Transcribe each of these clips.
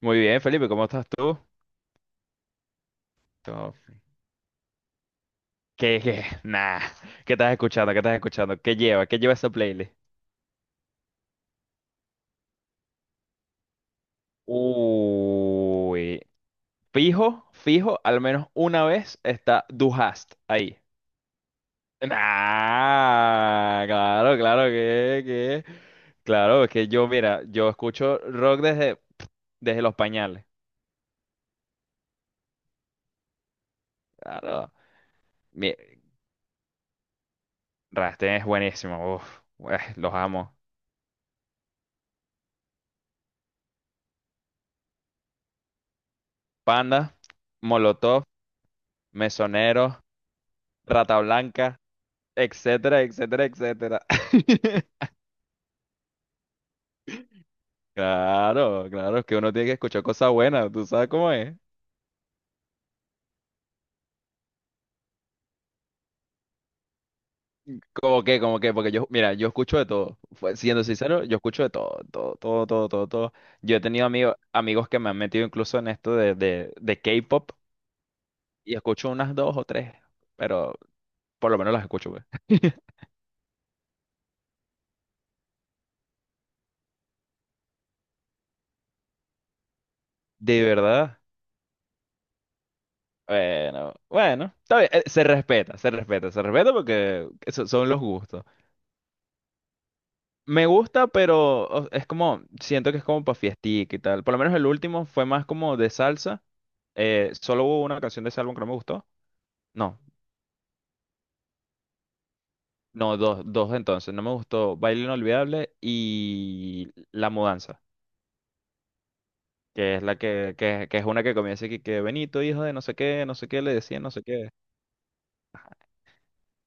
Muy bien, Felipe, ¿cómo estás tú? ¿Cómo- ¿Qué? Nah, ¿qué estás escuchando? ¿Qué estás escuchando? ¿Qué lleva esa playlist? Uy, fijo, fijo, al menos una vez está Du hast ahí. Nah, claro, claro que claro, es que yo, mira, yo escucho rock desde, desde los pañales. Claro, mi, Rammstein es buenísimo, uf, los amo. Panda, Molotov, Mesonero, Rata Blanca. Etcétera, etcétera, etcétera. Claro, claro, es que uno tiene que escuchar cosas buenas, ¿tú sabes cómo es? Como que, porque yo, mira, yo escucho de todo. Siendo sincero, yo escucho de todo, todo, todo, todo, todo, todo. Yo he tenido amigos que me han metido incluso en esto de K-pop y escucho unas dos o tres, pero por lo menos las escucho, pues. De verdad. Bueno, bueno, está bien, se respeta, se respeta, se respeta porque eso son los gustos. Me gusta, pero es como, siento que es como para fiestica y tal. Por lo menos el último fue más como de salsa. Solo hubo una canción de ese álbum que no me gustó. No, no, dos, dos entonces. No me gustó Baile Inolvidable y La Mudanza, que es la que es una que comienza aquí, que Benito, hijo de no sé qué, no sé qué, le decía, no sé qué.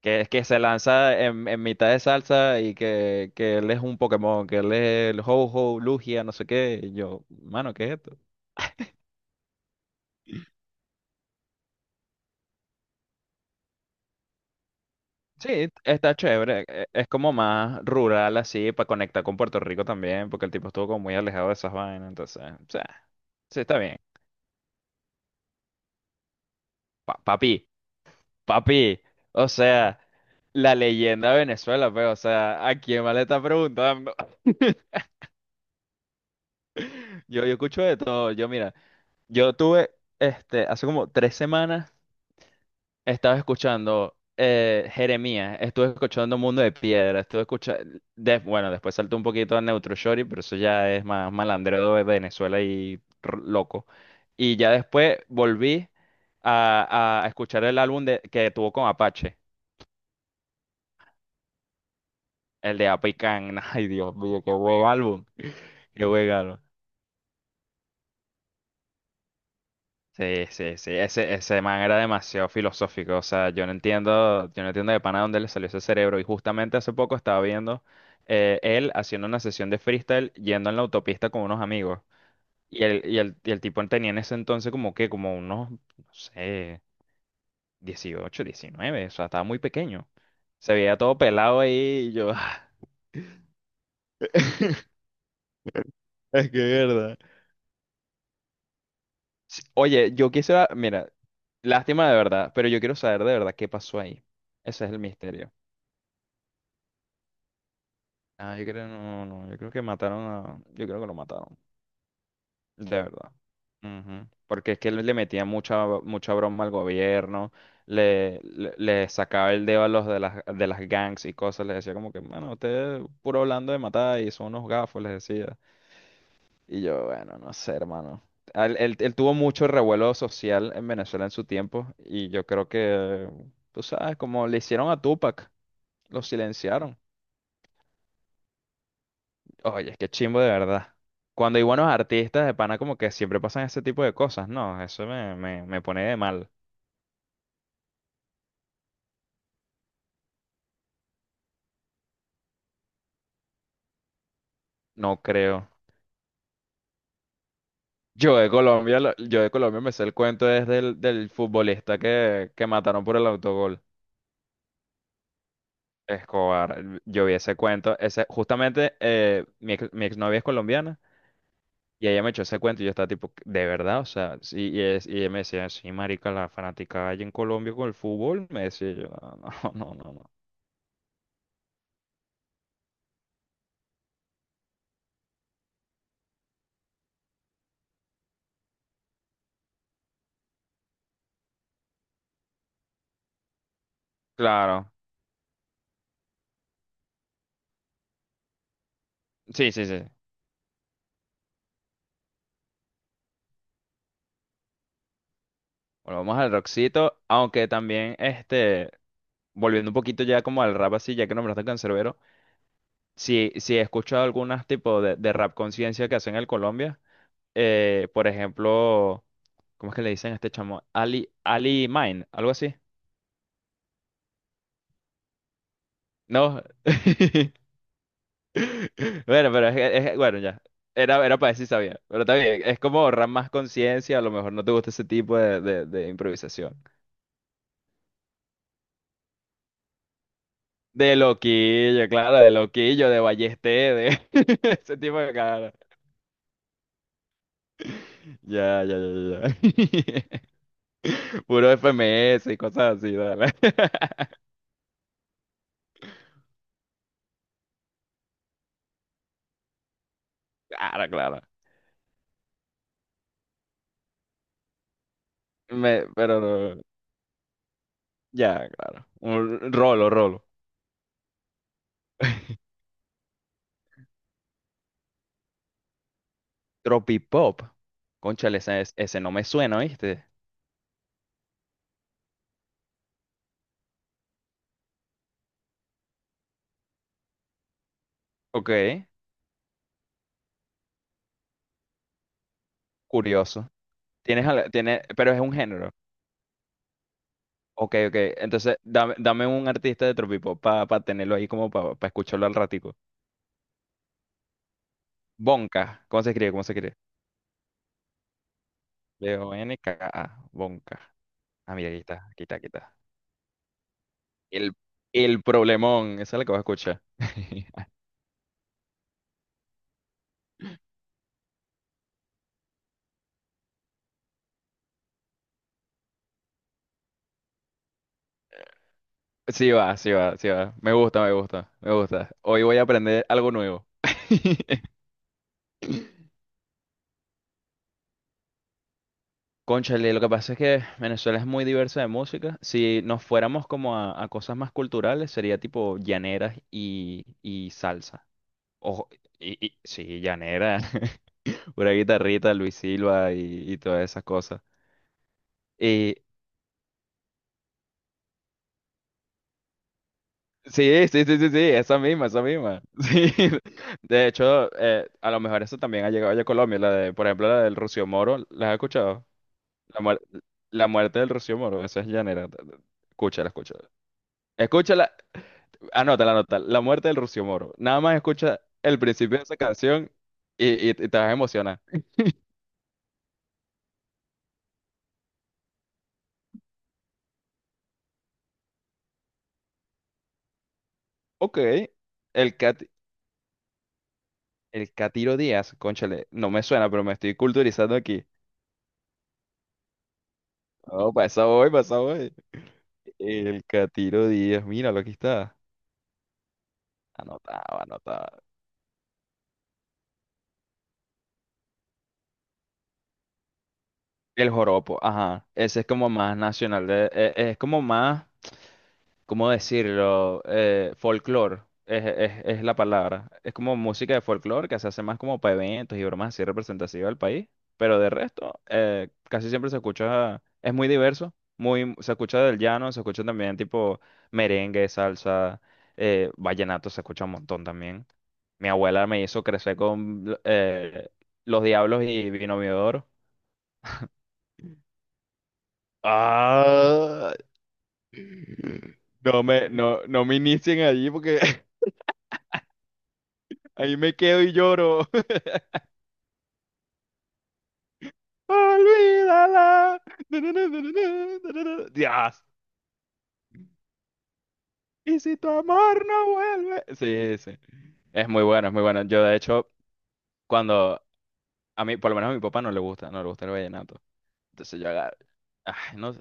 Que es que se lanza en mitad de salsa y que él es un Pokémon, que él es el Ho-Ho, Lugia, no sé qué. Y yo, mano, ¿qué es esto? Sí, está chévere. Es como más rural así, para conectar con Puerto Rico también, porque el tipo estuvo como muy alejado de esas vainas. Entonces, o sea, sí, está bien. Papi, papi. O sea, la leyenda de Venezuela, pues, o sea, ¿a quién más le está preguntando? Yo escucho de todo. Yo, mira, yo tuve, hace como 3 semanas. Estaba escuchando Jeremías, estuve escuchando Mundo de Piedra, bueno, después saltó un poquito a Neutro Shorty, pero eso ya es más malandreo de Venezuela y loco. Y ya después volví a escuchar el álbum que tuvo con Apache, el de Apicán. Ay, Dios mío, qué buen álbum. Qué buen álbum. Sí, sí, sí, ese man era demasiado filosófico, o sea, yo no entiendo de pana dónde le salió ese cerebro, y justamente hace poco estaba viendo él haciendo una sesión de freestyle yendo en la autopista con unos amigos, y el tipo tenía en ese entonces como que, como unos, no sé, 18, 19. O sea, estaba muy pequeño, se veía todo pelado ahí y yo, es que es verdad. Sí, oye, yo quisiera, mira, lástima de verdad, pero yo quiero saber de verdad qué pasó ahí, ese es el misterio. Ah, yo creo, no, no, yo creo que lo mataron, de verdad. Ujú. Porque es que le metía mucha, mucha broma al gobierno, le sacaba el dedo a los de las gangs y cosas, les decía como que, mano, ustedes puro hablando de matar y son unos gafos, les decía. Y yo, bueno, no sé, hermano. Él tuvo mucho revuelo social en Venezuela en su tiempo y yo creo que, tú sabes, como le hicieron a Tupac, lo silenciaron. Oye, es que chimbo de verdad. Cuando hay buenos artistas de pana, como que siempre pasan ese tipo de cosas, ¿no? Eso me pone de mal. No creo. Yo de Colombia me sé el cuento desde el del futbolista que mataron por el autogol. Escobar. Yo vi ese cuento. Ese, justamente mi exnovia es colombiana y ella me echó ese cuento y yo estaba tipo, ¿de verdad? O sea, sí, y ella me decía, sí, marica, la fanática allá en Colombia con el fútbol. Me decía yo, no, no, no, no. no". Claro. Sí, sí, sí. Bueno, vamos al rockcito, aunque también, volviendo un poquito ya como al rap así, ya que nombraste Canserbero, sí, sí he escuchado algunas tipos de rap conciencia que hacen en Colombia, por ejemplo, ¿cómo es que le dicen a este chamo? Ali, Ali Mine, algo así. No, bueno, pero bueno, ya, era para decir sabía, pero está bien, es como rap más conciencia, a lo mejor no te gusta ese tipo de improvisación. De loquillo, claro, de loquillo, de ballesté, de ese tipo de cara. Ya, ya, ya, ya. Ya. Puro FMS y cosas así, dale. Claro, claro. Pero no, ya, claro. Un rolo, rolo. Tropipop. Cónchale, ese no me suena, ¿viste? Ok, curioso. Tiene, pero es un género. Ok, ok. Entonces, dame un artista de Tropipop para tenerlo ahí como para escucharlo al ratico. Bonka. ¿Cómo se escribe? ¿Cómo se escribe? Bonka. Bonka. Ah, mira, aquí está, aquí está, aquí está. El, el problemón. Esa es la que vas a escuchar. Sí va, sí va, sí va. Me gusta, me gusta, me gusta. Hoy voy a aprender algo nuevo. Cónchale, lo que pasa es que Venezuela es muy diversa de música. Si nos fuéramos como a cosas más culturales, sería tipo llaneras y salsa. Ojo, sí, llanera. Una guitarrita, Luis Silva y todas esas cosas. Eh, Sí, sí, sí, sí, sí, esa misma, esa misma. Sí. De hecho, a lo mejor eso también ha llegado ya a Colombia, la de, por ejemplo, la del Rocío Moro, ¿la has escuchado? La, muer- la muerte del Rocío Moro, esa es llanera. Escúchala, escúchala. Escúchala, anótala, anótala, la muerte del Rocío Moro. Nada más escucha el principio de esa canción y te vas a emocionar. Ok, el, cat, el Catiro Díaz, cónchale, no me suena, pero me estoy culturizando aquí. Oh, pasa hoy, pasa hoy. El Catiro Díaz, míralo, aquí está. Anotado, anotado. El joropo, ajá. Ese es como más nacional, es, como más, ¿cómo decirlo? Folclore, es la palabra. Es como música de folclore que se hace más como para eventos y bromas así representativas del país. Pero de resto, casi siempre se escucha, es muy diverso, muy, se escucha del llano, se escucha también tipo merengue, salsa, vallenato, se escucha un montón también. Mi abuela me hizo crecer con Los Diablos y Vino Miodoro. Ah, no, no me inicien allí porque ahí me quedo y lloro. Olvídala. Na, na, na, na, na, na, na, na. Dios. Y si tu amor no vuelve. Sí, sí. Es muy bueno, es muy bueno. Yo, de hecho, cuando por lo menos a mi papá no le gusta, no le gusta el vallenato. Entonces yo agarro. Ay, no,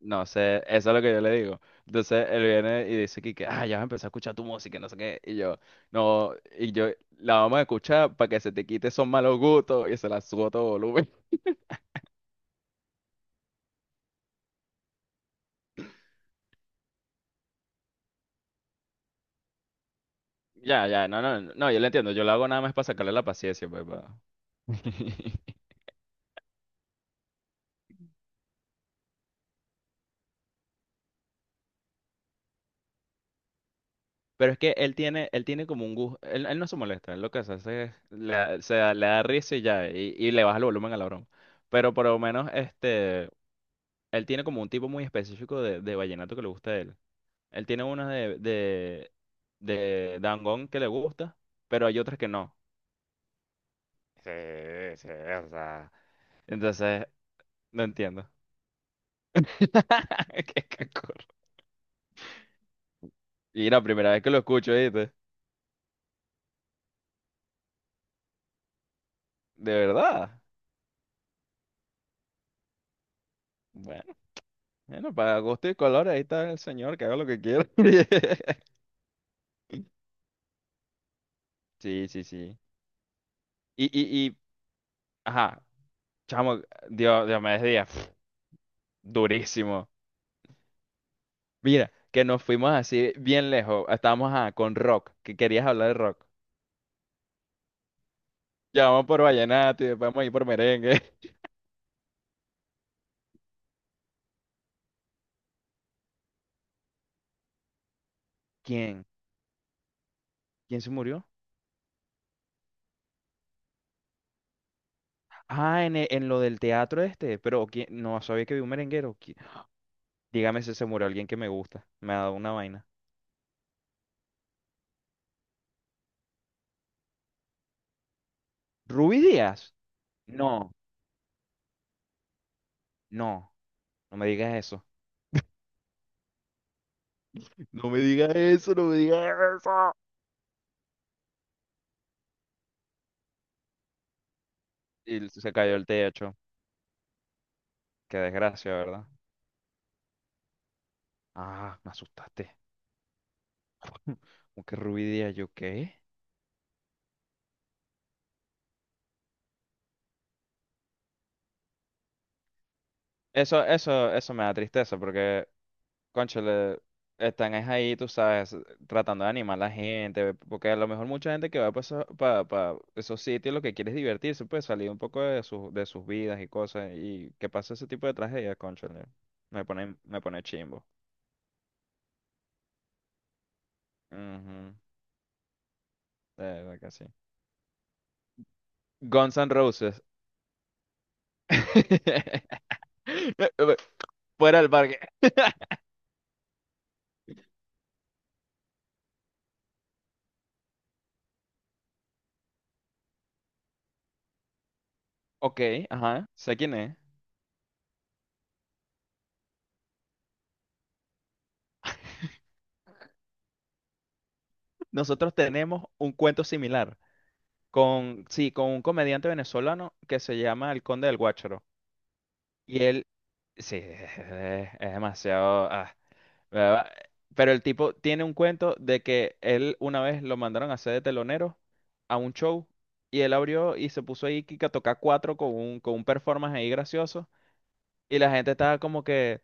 no sé, eso es lo que yo le digo. Entonces él viene y dice aquí que, ah, ya vas a empezar a escuchar tu música, no sé qué. Y yo, no, y yo, la vamos a escuchar para que se te quite esos malos gustos y se la subo a todo volumen. Ya, ya, no, no, no, no, yo lo entiendo. Yo lo hago nada más para sacarle la paciencia, pues, Pero es que él tiene como un gusto, él no se molesta, él lo que hace es, le da risa y ya, y le baja el volumen a la broma. Pero por lo menos, él tiene como un tipo muy específico de vallenato que le gusta a él. Él tiene unas de Dangond que le gusta, pero hay otras que no. Sí, sí, o sea. Entonces, no entiendo. Qué cacor. Y la primera vez que lo escucho, ¿viste? De verdad. Bueno, bueno, para gusto y color, ahí está el señor, que haga lo que quiera. Sí, sí, sí. Y, ajá, chamo, Dios me decía, durísimo. Mira, que nos fuimos así bien lejos. Estábamos con rock, que querías hablar de rock. Ya vamos por vallenato y después vamos a ir por merengue. ¿Quién? ¿Quién se murió? Ah, en lo del teatro este, pero ¿quién? No sabía que vi un merenguero. Dígame si se murió alguien que me gusta. Me ha dado una vaina. ¿Ruby Díaz? No, no, no me digas eso. No me digas eso, no me digas eso. Y se cayó el techo. Qué desgracia, ¿verdad? Ah, me asustaste. ¿Cómo que Ruby Díaz? ¿Yo qué? Eso me da tristeza porque, cónchale, están es ahí, tú sabes, tratando de animar a la gente, porque a lo mejor mucha gente que va para esos sitios lo que quiere es divertirse, pues salir un poco de sus vidas y cosas, y que pasa ese tipo de tragedias, cónchale. Me pone chimbo. Ujú, de verdad que sí. Guns N' Roses. Fuera del parque. Ok, ajá, sé quién es. Nosotros tenemos un cuento similar. Con un comediante venezolano que se llama El Conde del Guácharo. Y él, sí, es demasiado... ah, ¿verdad? Pero el tipo tiene un cuento de que él una vez lo mandaron a hacer de telonero a un show y él abrió y se puso ahí que a tocar cuatro con un performance ahí gracioso. Y la gente estaba como que,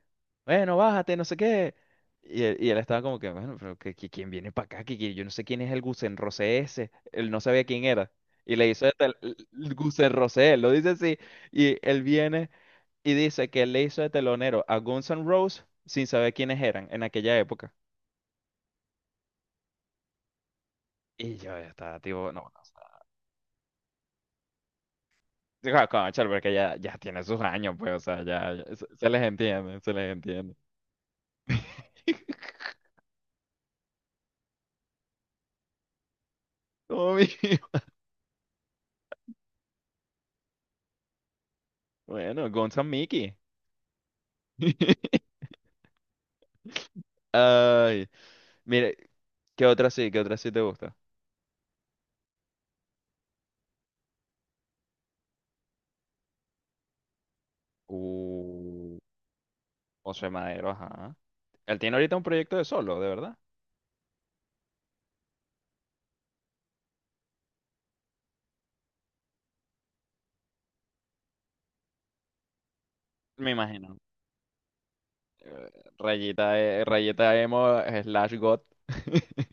bueno, bájate, no sé qué. Y él estaba como que, bueno, pero ¿quién viene para acá? Que yo no sé quién es el Gusenrosé ese. Él no sabía quién era. Y le hizo de tel- El Gusenrosé, él lo dice así. Y él viene y dice que él le hizo de telonero a Guns N' Roses sin saber quiénes eran en aquella época. Y yo ya estaba, tipo, no, no. O sea, digo, conchale, porque ya, ya tiene sus años, pues, o sea, se les entiende, se les entiende. Como mi- Bueno, Guns N' Mickey. Ay, mire, ¿qué otra sí? ¿Qué otra sí te gusta? Uh, José Madero, ajá. Él tiene ahorita un proyecto de solo, ¿de verdad? Me imagino. Eh, Rayita, Rayita emo slash got.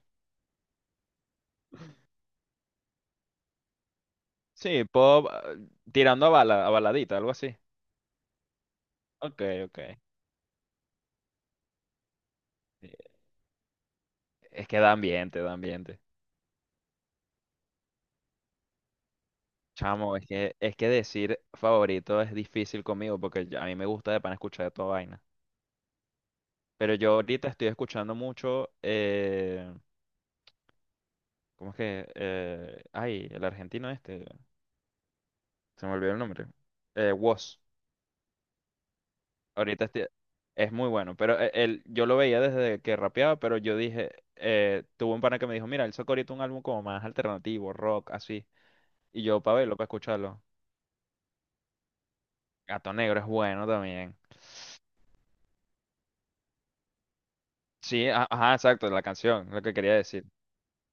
Sí, pop tirando a bala, a baladita, algo así. Ok, ok. Eh, Es que da ambiente, da ambiente. Chamo, es que decir favorito es difícil conmigo porque a mí me gusta de pan escuchar de toda vaina. Pero yo ahorita estoy escuchando mucho. ¿Cómo es que? Ay, el argentino este, se me olvidó el nombre. Wos. Ahorita es muy bueno, pero él, yo lo veía desde que rapeaba, pero yo dije, tuve un pana que me dijo, mira, él sacó ahorita un álbum como más alternativo, rock, así. Y yo, para verlo, para escucharlo. Gato Negro es bueno también. Sí, ajá, exacto, la canción, lo que quería decir.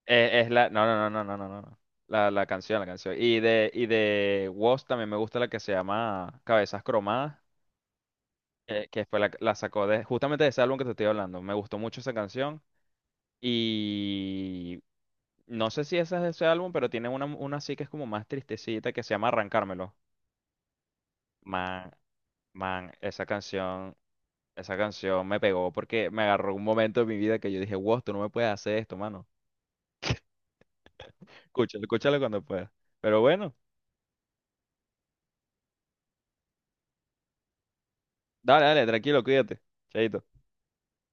Es la, no, no, no, no, no, no, no. La canción. Y de Wos también me gusta la que se llama Cabezas Cromadas. Que fue la sacó justamente de ese álbum que te estoy hablando. Me gustó mucho esa canción y no sé si esa es de ese álbum, pero tiene una sí que es como más tristecita que se llama Arrancármelo. Man, man, esa canción me pegó porque me agarró un momento de mi vida que yo dije, wow, tú no me puedes hacer esto, mano. Escúchalo, escúchalo cuando puedas. Pero bueno, dale, dale, tranquilo, cuídate. Chaito.